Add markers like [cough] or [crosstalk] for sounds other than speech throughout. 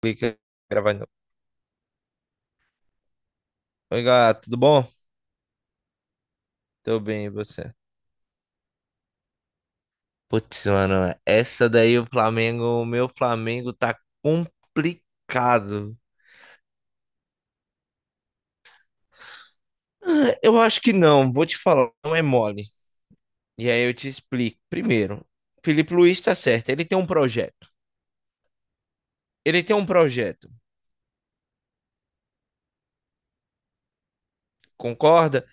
Clica gravando. Oi, gato, tudo bom? Tô bem, e você? Putz, mano, essa daí o Flamengo, o meu Flamengo tá complicado. Eu acho que não, vou te falar, não é mole. E aí eu te explico. Primeiro, Felipe Luiz tá certo, ele tem um projeto. Ele tem um projeto, concorda?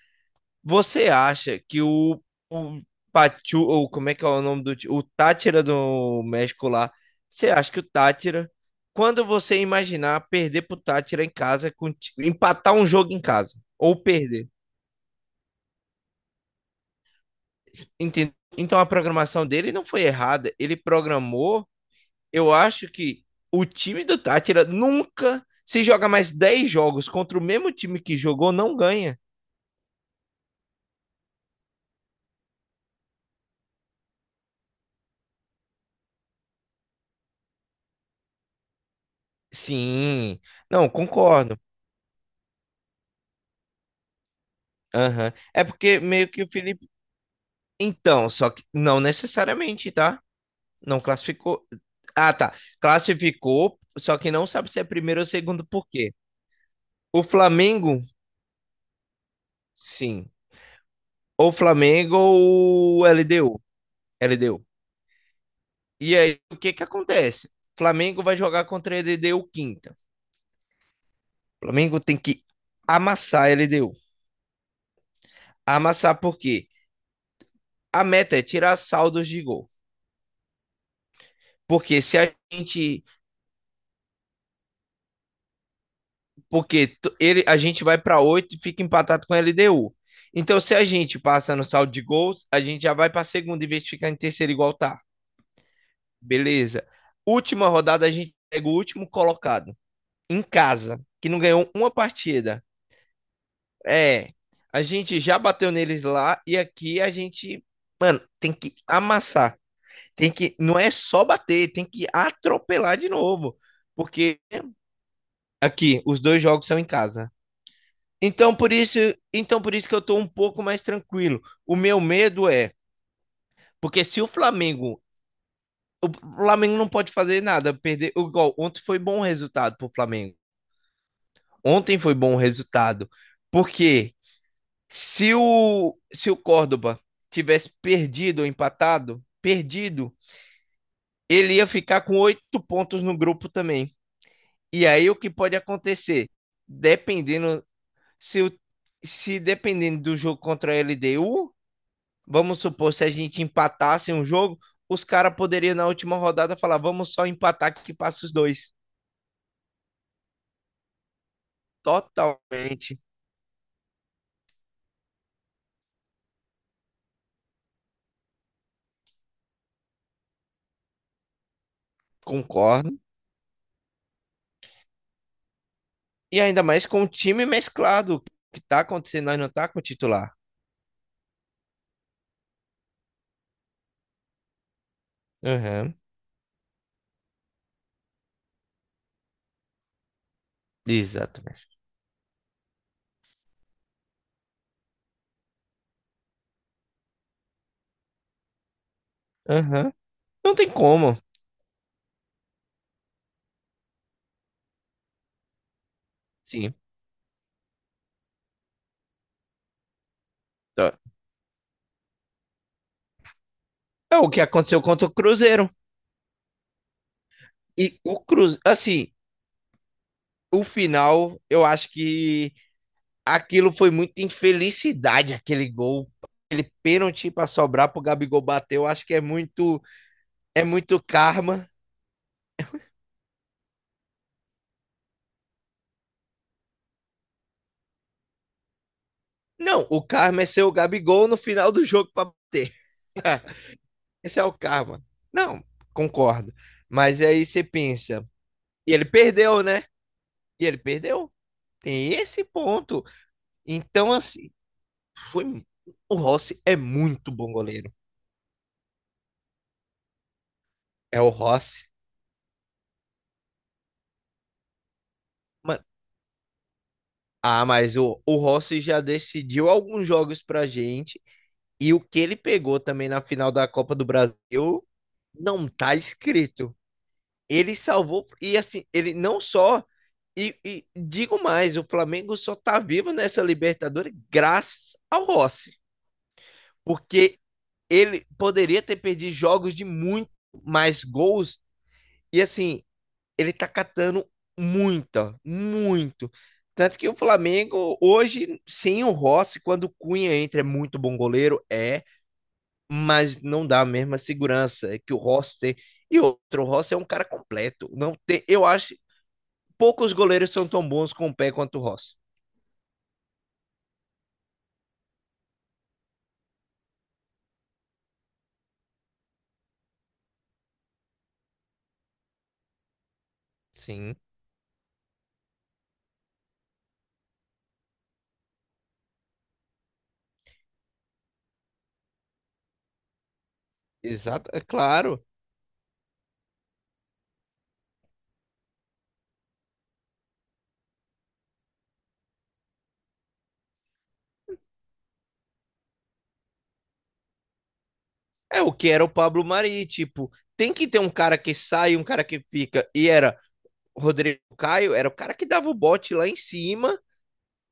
Você acha que o Pachu, ou como é que é o nome do, o Táchira do México lá, você acha que o Táchira, quando você imaginar perder pro Táchira em casa, com empatar um jogo em casa, ou perder, entendeu? Então a programação dele não foi errada, ele programou, eu acho que o time do Táchira nunca, se joga mais 10 jogos contra o mesmo time que jogou, não ganha. Sim, não, concordo. Aham. É porque meio que o Felipe. Então, só que não necessariamente, tá? Não classificou. Ah, tá. Classificou, só que não sabe se é primeiro ou segundo por quê. O Flamengo, sim. Ou Flamengo ou LDU. LDU. E aí, o que que acontece? Flamengo vai jogar contra a LDU quinta. Flamengo tem que amassar a LDU. Amassar por quê? A meta é tirar saldos de gol. Porque se a gente. Porque ele, a gente vai para 8 e fica empatado com a LDU. Então, se a gente passa no saldo de gols, a gente já vai para segunda em vez de ficar em terceiro igual tá. Beleza. Última rodada, a gente pega o último colocado em casa, que não ganhou uma partida. É, a gente já bateu neles lá e aqui a gente, mano, tem que amassar. Tem que, não é só bater, tem que atropelar de novo. Porque aqui, os dois jogos são em casa. Então por isso, então por isso que eu tô um pouco mais tranquilo. O meu medo é, porque se o Flamengo, o Flamengo não pode fazer nada, perder, igual ontem foi bom resultado pro Flamengo. Ontem foi bom resultado. Porque se o Córdoba tivesse perdido ou empatado, perdido, ele ia ficar com oito pontos no grupo também. E aí o que pode acontecer? Dependendo se o, se dependendo do jogo contra a LDU, vamos supor, se a gente empatasse um jogo, os caras poderiam na última rodada falar: vamos só empatar que passa os dois. Totalmente concordo. E ainda mais com o time mesclado. O que tá acontecendo nós não tá com o titular. Aham, exatamente. Aham. Não tem como. Sim. Tá. É o que aconteceu contra o Cruzeiro. E o Cruzeiro, assim, o final eu acho que aquilo foi muita infelicidade, aquele gol. Aquele pênalti para sobrar pro Gabigol bater, eu acho que é muito karma. Não, o karma é ser o Gabigol no final do jogo para bater. [laughs] Esse é o karma. Não, concordo. Mas aí você pensa, e ele perdeu, né? E ele perdeu. Tem esse ponto. Então, assim, foi... o Rossi é muito bom goleiro. É o Rossi. Mano, ah, mas o Rossi já decidiu alguns jogos pra gente. E o que ele pegou também na final da Copa do Brasil não tá escrito. Ele salvou, e assim, ele não só. E digo mais, o Flamengo só tá vivo nessa Libertadores graças ao Rossi. Porque ele poderia ter perdido jogos de muito mais gols. E assim, ele tá catando muita, muito. Tanto que o Flamengo, hoje, sem o Rossi, quando o Cunha entra, é muito bom goleiro, é. Mas não dá a mesma segurança que o Rossi tem. E outro, o Rossi é um cara completo. Não tem, eu acho, que poucos goleiros são tão bons com o pé quanto o Rossi. Sim. Exato, é claro. É o que era o Pablo Mari, tipo, tem que ter um cara que sai, um cara que fica. E era o Rodrigo Caio, era o cara que dava o bote lá em cima.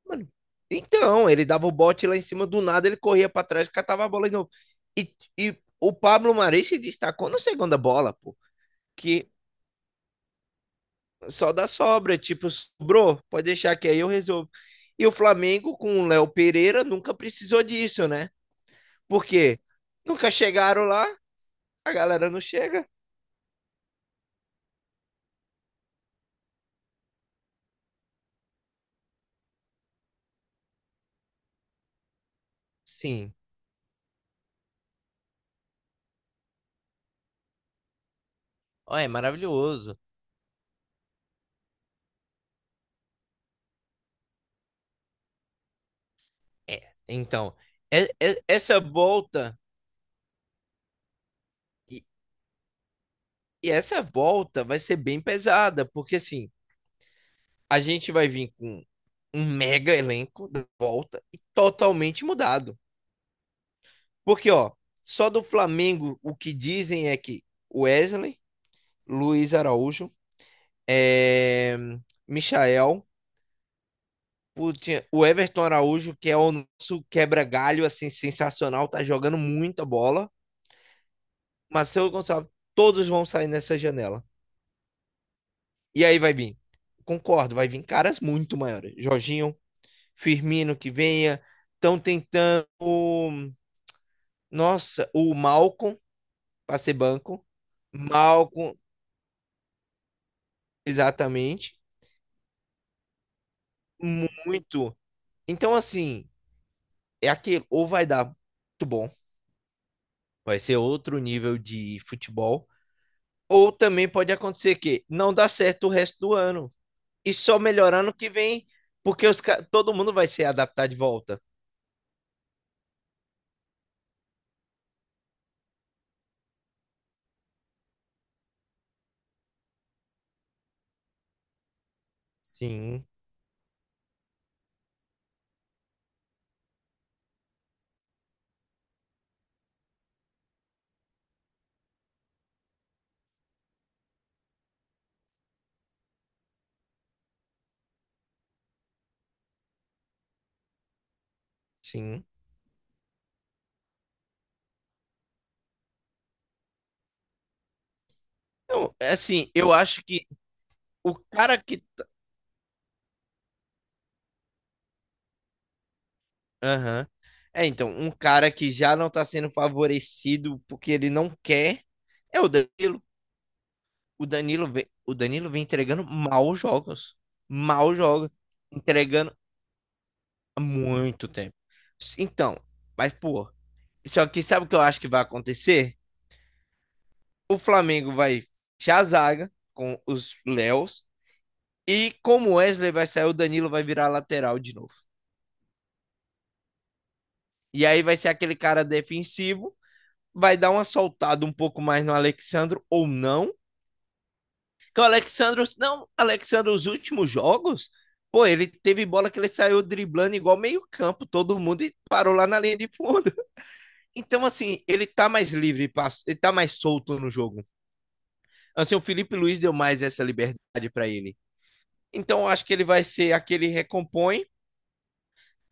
Mano, então, ele dava o bote lá em cima, do nada ele corria para trás, catava a bola de novo. E o Pablo Mari se destacou na segunda bola, pô. Que só da sobra, tipo, sobrou, pode deixar que aí eu resolvo. E o Flamengo com o Léo Pereira nunca precisou disso, né? Porque nunca chegaram lá, a galera não chega. Sim, ó, é maravilhoso. É, então, essa volta e, e essa volta vai ser bem pesada, porque assim, a gente vai vir com um mega elenco da volta e totalmente mudado. Porque, ó, só do Flamengo o que dizem é que o Wesley, Luiz Araújo, é, Michael, putinha, o Everton Araújo, que é o nosso quebra-galho, assim, sensacional, tá jogando muita bola. Marcelo Gonçalves, todos vão sair nessa janela. E aí vai vir, concordo, vai vir caras muito maiores. Jorginho, Firmino que venha, estão tentando, nossa, o Malcom para ser banco. Malcom, exatamente, muito. Então, assim, é aquilo, ou vai dar muito bom, vai ser outro nível de futebol. Ou também pode acontecer que não dá certo o resto do ano. E só melhorando que vem, porque todo mundo vai se adaptar de volta. Sim, sim. Então, é assim, eu acho que o cara que. Aham. É, então, um cara que já não tá sendo favorecido porque ele não quer é o Danilo. O Danilo vem entregando maus jogos. Maus jogos. Entregando há muito tempo. Então, mas, pô, só que sabe o que eu acho que vai acontecer? O Flamengo vai fechar a zaga com os Léos. E como o Wesley vai sair, o Danilo vai virar lateral de novo. E aí vai ser aquele cara defensivo. Vai dar uma soltada um pouco mais no Alexandro ou não. Que o Alexandro. Não, Alexandro, os últimos jogos. Pô, ele teve bola que ele saiu driblando igual meio-campo, todo mundo e parou lá na linha de fundo. [laughs] Então, assim, ele tá mais livre, ele tá mais solto no jogo. Assim, o Felipe Luiz deu mais essa liberdade para ele. Então, eu acho que ele vai ser aquele recompõe,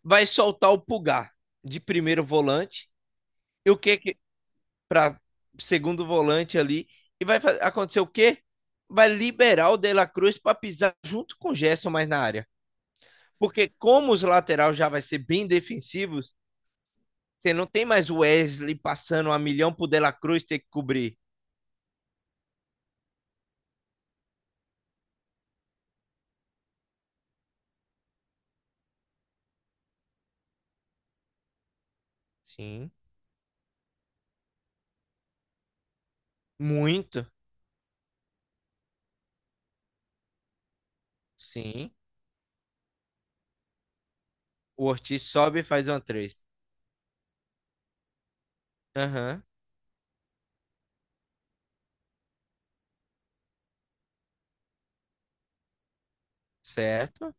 vai soltar o Pulgar de primeiro volante e o que que para segundo volante ali e vai acontecer o quê? Vai liberar o De La Cruz para pisar junto com o Gerson mais na área. Porque como os laterais já vai ser bem defensivos, você não tem mais o Wesley passando a milhão pro De La Cruz ter que cobrir. Sim, muito. Sim. O Ortiz sobe e faz uma 3. Aham. Uhum. Certo?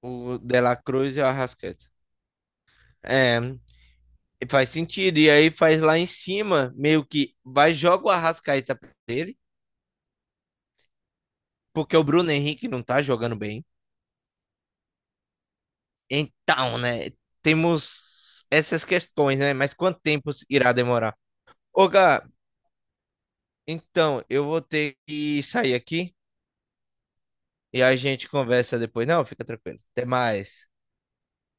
O De La Cruz e o Arrascaeta. É, e faz sentido. E aí faz lá em cima, meio que vai joga o Arrascaeta pra dele, porque o Bruno Henrique não tá jogando bem. Então, né? Temos essas questões, né? Mas quanto tempo irá demorar? Ô, Gá, então, eu vou ter que sair aqui e a gente conversa depois. Não, fica tranquilo. Até mais.